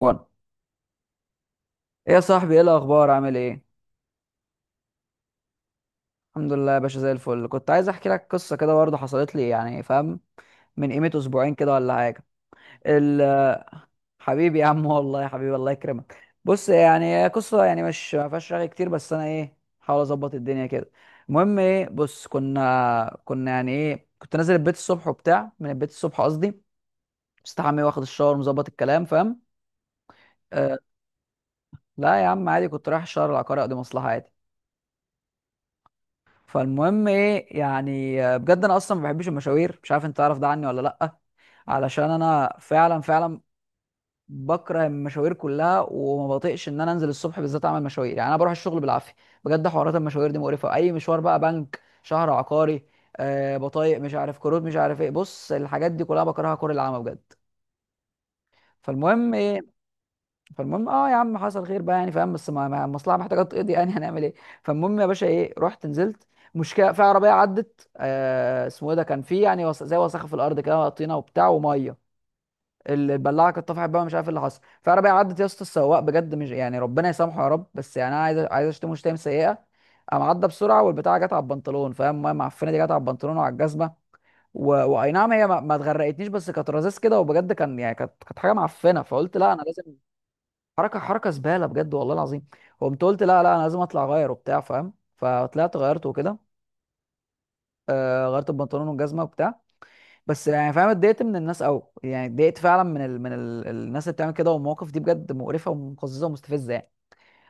وانا، ايه يا صاحبي؟ ايه الاخبار؟ عامل ايه؟ الحمد لله يا باشا، زي الفل. كنت عايز احكي لك قصه كده برضه حصلت لي، يعني فاهم؟ من قيمه اسبوعين كده ولا حاجه. ال- حبيبي يا عم، والله يا حبيبي الله يكرمك. بص، يعني هي قصه، يعني مش ما فيهاش رغي كتير، بس انا ايه، حاول اظبط الدنيا كده. المهم ايه، بص، كنا يعني ايه، كنت نازل البيت الصبح وبتاع، من البيت الصبح قصدي، مستحمي واخد الشاور مظبط الكلام، فاهم؟ آه. لا يا عم عادي، كنت رايح الشهر العقاري اقضي مصلحه عادي. فالمهم ايه، يعني بجد انا اصلا ما بحبش المشاوير، مش عارف انت تعرف ده عني ولا لا، علشان انا فعلا فعلا بكره المشاوير كلها، وما بطيقش ان انا انزل الصبح بالذات اعمل مشاوير، يعني انا بروح الشغل بالعافيه، بجد. حوارات المشاوير دي مقرفه، اي مشوار بقى، بنك، شهر عقاري، آه، بطايق، مش عارف كروت، مش عارف ايه، بص الحاجات دي كلها بكرهها كره العامه بجد. فالمهم ايه، فالمهم اه يا عم، حصل خير بقى يعني فاهم، بس المصلحه محتاجه تقضي يعني هنعمل ايه. فالمهم يا باشا ايه، رحت نزلت، مشكله في عربيه عدت، آه اسمه ايه ده، كان في يعني زي وسخه في الارض كده، طينه وبتاع وميه. البلاعه كانت طفحت بقى، مش عارف إيه اللي حصل. في عربيه عدت يا اسطى، السواق بجد مش يعني، ربنا يسامحه يا رب، بس يعني انا عايز اشتمه شتايم سيئه. قام عدى بسرعه والبتاعه جت على البنطلون، فاهم؟ الميه المعفنه دي جت على البنطلون وعلى الجزمه و... واي نعم، هي ما اتغرقتنيش، بس كانت رذاذ كده، وبجد كان يعني كانت حاجه معفنه، فقلت لا انا لازم. حركه، حركه زباله بجد، والله العظيم. وقمت قلت لا لا، انا لازم اطلع اغير وبتاع، فاهم؟ فطلعت غيرت وكده. آه غيرت البنطلون والجزمه وبتاع. بس يعني فاهم، اتضايقت من الناس قوي، يعني اتضايقت فعلا من الناس اللي بتعمل كده، والمواقف دي بجد مقرفه ومقززه ومستفزه يعني.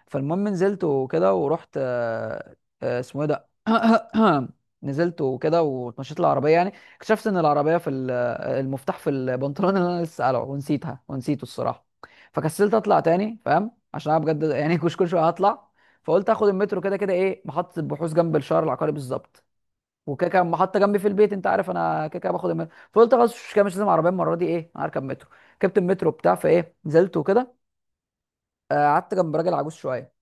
فالمهم نزلت وكده ورحت، اسمه ايه ده، نزلت وكده واتمشيت العربيه، يعني اكتشفت ان العربيه في المفتاح في البنطلون اللي انا لسه قلعه، ونسيتها ونسيته الصراحه. فكسلت اطلع تاني، فاهم؟ عشان انا بجد يعني كل شويه هطلع. فقلت اخد المترو، كده كده ايه، محطه البحوث جنب الشارع العقاري بالظبط، وكده كده محطه جنبي في البيت، انت عارف انا كده كده باخد المترو. فقلت خلاص مش كده، مش لازم عربيه المره دي، ايه انا هركب مترو. ركبت المترو بتاع فايه نزلت وكده. قعدت جنب راجل عجوز شويه.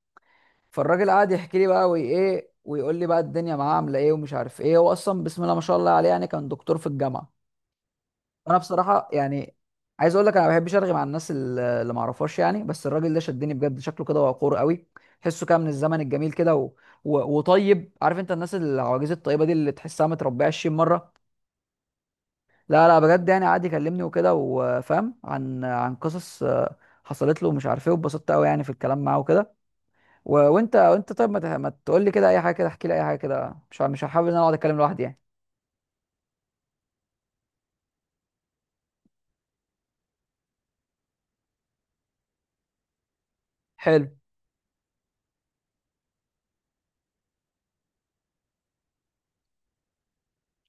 فالراجل قعد يحكي لي بقى، وايه، ويقول لي بقى الدنيا معاه عامله ايه، ومش عارف ايه. هو اصلا بسم الله ما شاء الله عليه، يعني كان دكتور في الجامعه. انا بصراحه يعني، عايز اقول لك انا ما بحبش ارغي مع الناس اللي ما اعرفهاش يعني، بس الراجل ده شدني بجد، شكله كده وقور قوي، تحسه كده من الزمن الجميل كده وطيب. عارف انت الناس العواجيز الطيبه دي اللي تحسها متربيه 20 مره. لا لا بجد يعني، قعد يكلمني وكده، وفاهم عن قصص حصلت له ومش عارف ايه، واتبسطت قوي يعني في الكلام معاه وكده. و... وانت طيب، ما تقول لي كده اي حاجه كده، احكي لي اي حاجه كده، مش هحاول ان انا اقعد اتكلم لوحدي يعني. حلو.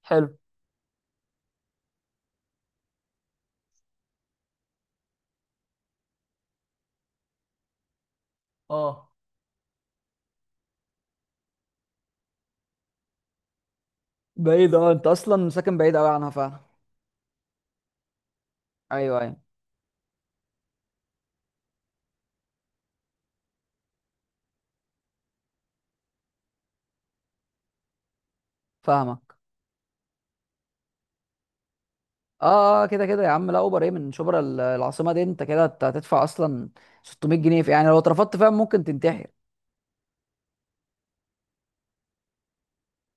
حلو. اه، بعيد اه، انت اصلا ساكن بعيد قوي عنها فعلا. ايوه ايوه، فاهمك. اه اه، كده كده يا عم، لا اوبر ايه من شبرا العاصمه دي، انت كده هتدفع اصلا 600 جنيه. في يعني لو اترفضت فاهم، ممكن تنتحر.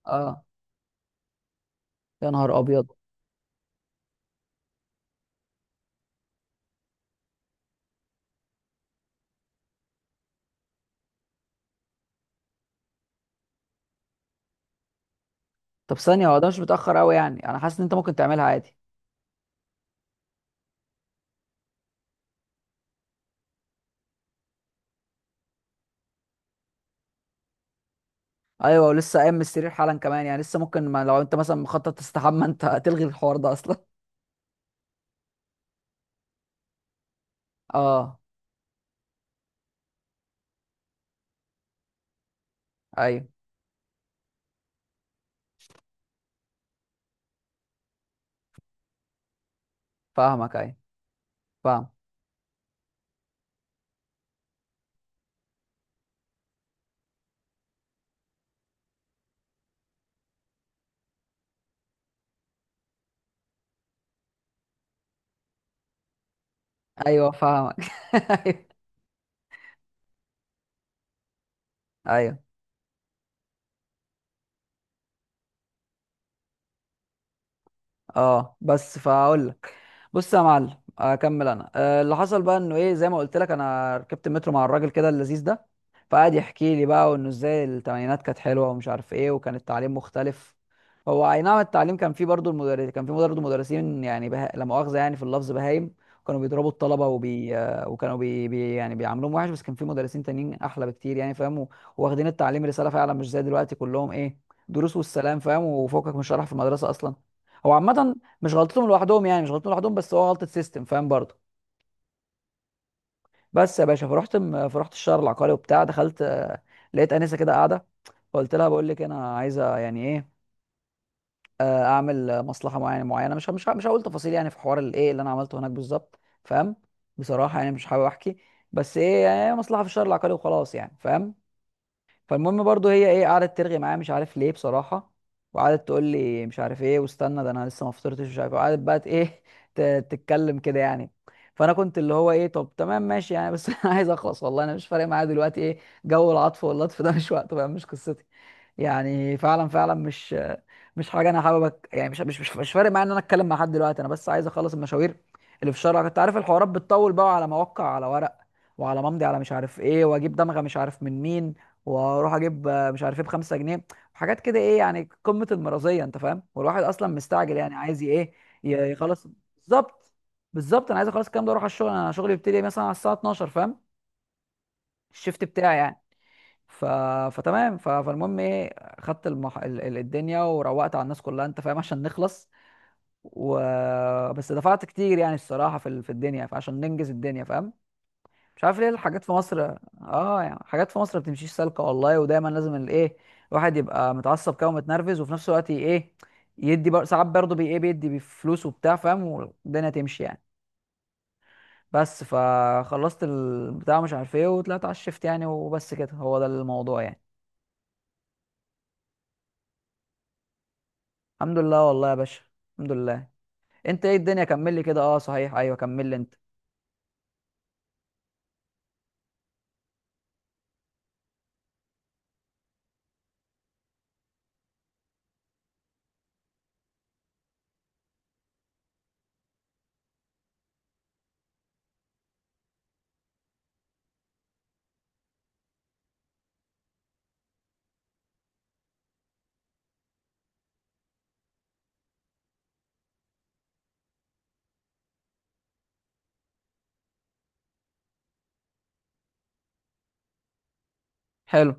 اه. يا نهار ابيض. طب ثانيه، هو ده مش متاخر قوي يعني؟ انا حاسس ان انت ممكن تعملها عادي. ايوه، ولسه قايم من السرير حالا كمان، يعني لسه ممكن، ما لو انت مثلا مخطط تستحمى انت هتلغي الحوار ده اصلا. اه. ايوه فاهمك. ايوه فاهم. ايوه فاهمك. ايوه ايوه. اه بس فاقول لك. بص يا معلم اكمل انا، اللي حصل بقى انه ايه، زي ما قلت لك، انا ركبت المترو مع الراجل كده اللذيذ ده، فقعد يحكي لي بقى، وانه ازاي التمانينات كانت حلوه ومش عارف ايه، وكان التعليم مختلف. هو اي نعم، التعليم كان فيه برضه، المدرس كان فيه برضه مدرسين يعني لا مؤاخذه يعني في اللفظ بهايم، كانوا بيضربوا الطلبه وبي... آه، وكانوا يعني بيعاملوهم وحش، بس كان فيه مدرسين تانيين احلى بكتير يعني فاهم، واخدين التعليم رساله فعلا، مش زي دلوقتي كلهم ايه، دروس والسلام، فاهم؟ وفوقك من شرح في المدرسه اصلا. هو عامة، مش غلطتهم لوحدهم، يعني مش غلطتهم لوحدهم، بس هو غلطه سيستم، فاهم برضه. بس يا باشا، فرحت الشهر العقاري وبتاع، دخلت لقيت انسه كده قاعده، فقلت لها بقول لك انا عايزه يعني ايه، اعمل مصلحه معينه معينه، مش هقول تفاصيل يعني، في حوار الايه اللي انا عملته هناك بالظبط، فاهم؟ بصراحه يعني مش حابب احكي، بس ايه يعني مصلحه في الشهر العقاري وخلاص يعني، فاهم؟ فالمهم برضو هي ايه، قعدت ترغي معايا مش عارف ليه بصراحه، وقعدت تقول لي مش عارف ايه، واستنى ده انا لسه ما فطرتش، مش عارف ايه. وقعدت بقى ت- ايه تتكلم كده يعني، فانا كنت اللي هو ايه طب تمام ماشي يعني، بس انا عايز اخلص والله، انا مش فارق معايا دلوقتي ايه جو العطف واللطف ده، مش وقته بقى، مش قصتي. يعني فعلا فعلا، مش مش حاجه انا حابب يعني مش فارق معايا ان انا اتكلم مع حد دلوقتي، انا بس عايز اخلص المشاوير اللي في الشارع. كنت عارف الحوارات بتطول بقى، على موقع، على ورق، وعلى ممضي، على مش عارف ايه، واجيب دمغه مش عارف من مين، واروح اجيب مش عارف ايه بخمسة جنيه، وحاجات كده ايه يعني، قمة المرضية، انت فاهم؟ والواحد اصلا مستعجل يعني، عايز يخلص. بالظبط، بالظبط. انا عايز اخلص الكلام ده واروح على الشغل، انا شغلي بيبتدي مثلا على الساعة 12، فاهم؟ الشيفت بتاعي يعني. ف... فتمام، ف... فالمهم ايه، خدت الدنيا، وروقت على الناس كلها، انت فاهم؟ عشان نخلص، و... بس دفعت كتير يعني الصراحة في الدنيا، فعشان ننجز الدنيا فاهم. مش عارف ليه الحاجات في مصر، اه يعني حاجات في مصر ما بتمشيش سالكه والله، ودايما لازم الايه، الواحد يبقى متعصب كده ومتنرفز، وفي نفس الوقت ايه، ساعات برضه بي ايه بيدي بفلوس وبتاع، فاهم؟ والدنيا تمشي يعني. بس فخلصت البتاع مش عارف ايه، وطلعت على الشفت يعني، وبس كده، هو ده الموضوع يعني. الحمد لله والله يا باشا، الحمد لله. انت ايه الدنيا؟ كمل لي كده. اه صحيح، ايوه كمل لي انت. حلو.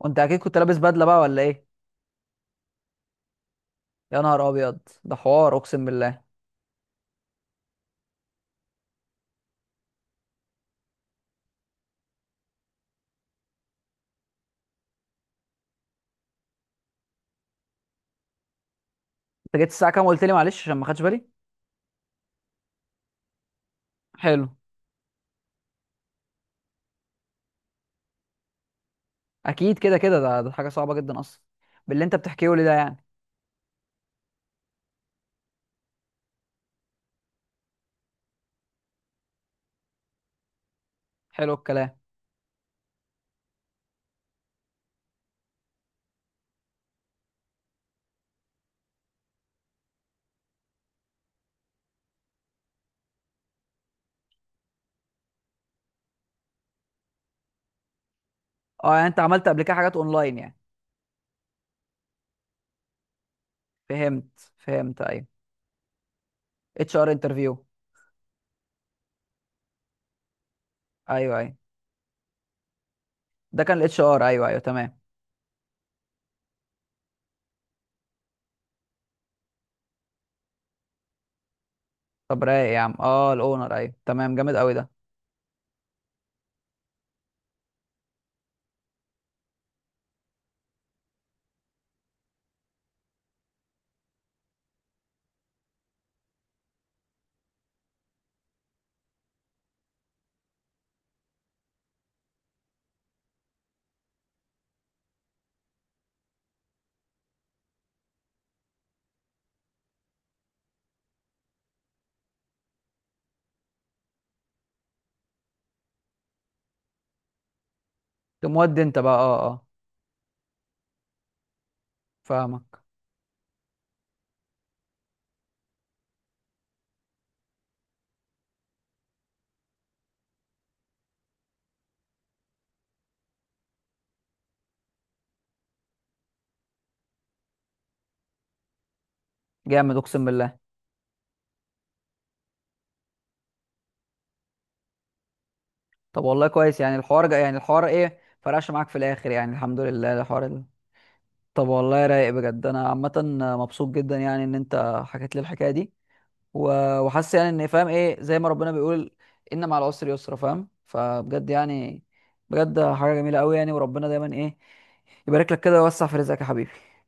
وانت اكيد كنت لابس بدله بقى ولا ايه؟ يا نهار ابيض، ده حوار اقسم بالله. انت جيت الساعه كام قلت لي؟ معلش عشان ما خدش بالي. حلو. اكيد كده كده، ده حاجه صعبه جدا اصلا، باللي انت بتحكيه لي ده يعني. حلو الكلام. اه يعني انت عملت قبل كده حاجات اونلاين يعني؟ فهمت ايوه، اتش ار انترفيو. ايوه ايوه، ده كان الاتش ار، ايوه ايوه تمام. طب رايق يا عم، اه الاونر، ايوه تمام، جامد قوي ده. تقوم ودي انت بقى، اه اه. فاهمك. جامد اقسم بالله. طب والله كويس يعني، الحوار جا يعني، الحوار ايه فرقش معاك في الاخر يعني، الحمد لله، الحوار ال... طب والله رايق بجد. انا عامه مبسوط جدا يعني ان انت حكيت لي الحكايه دي، وحاسس يعني ان فاهم ايه، زي ما ربنا بيقول ان مع العسر يسرا، فاهم؟ فبجد يعني، بجد حاجه جميله قوي يعني. وربنا دايما ايه، يبارك لك كده ويوسع في رزقك يا حبيبي.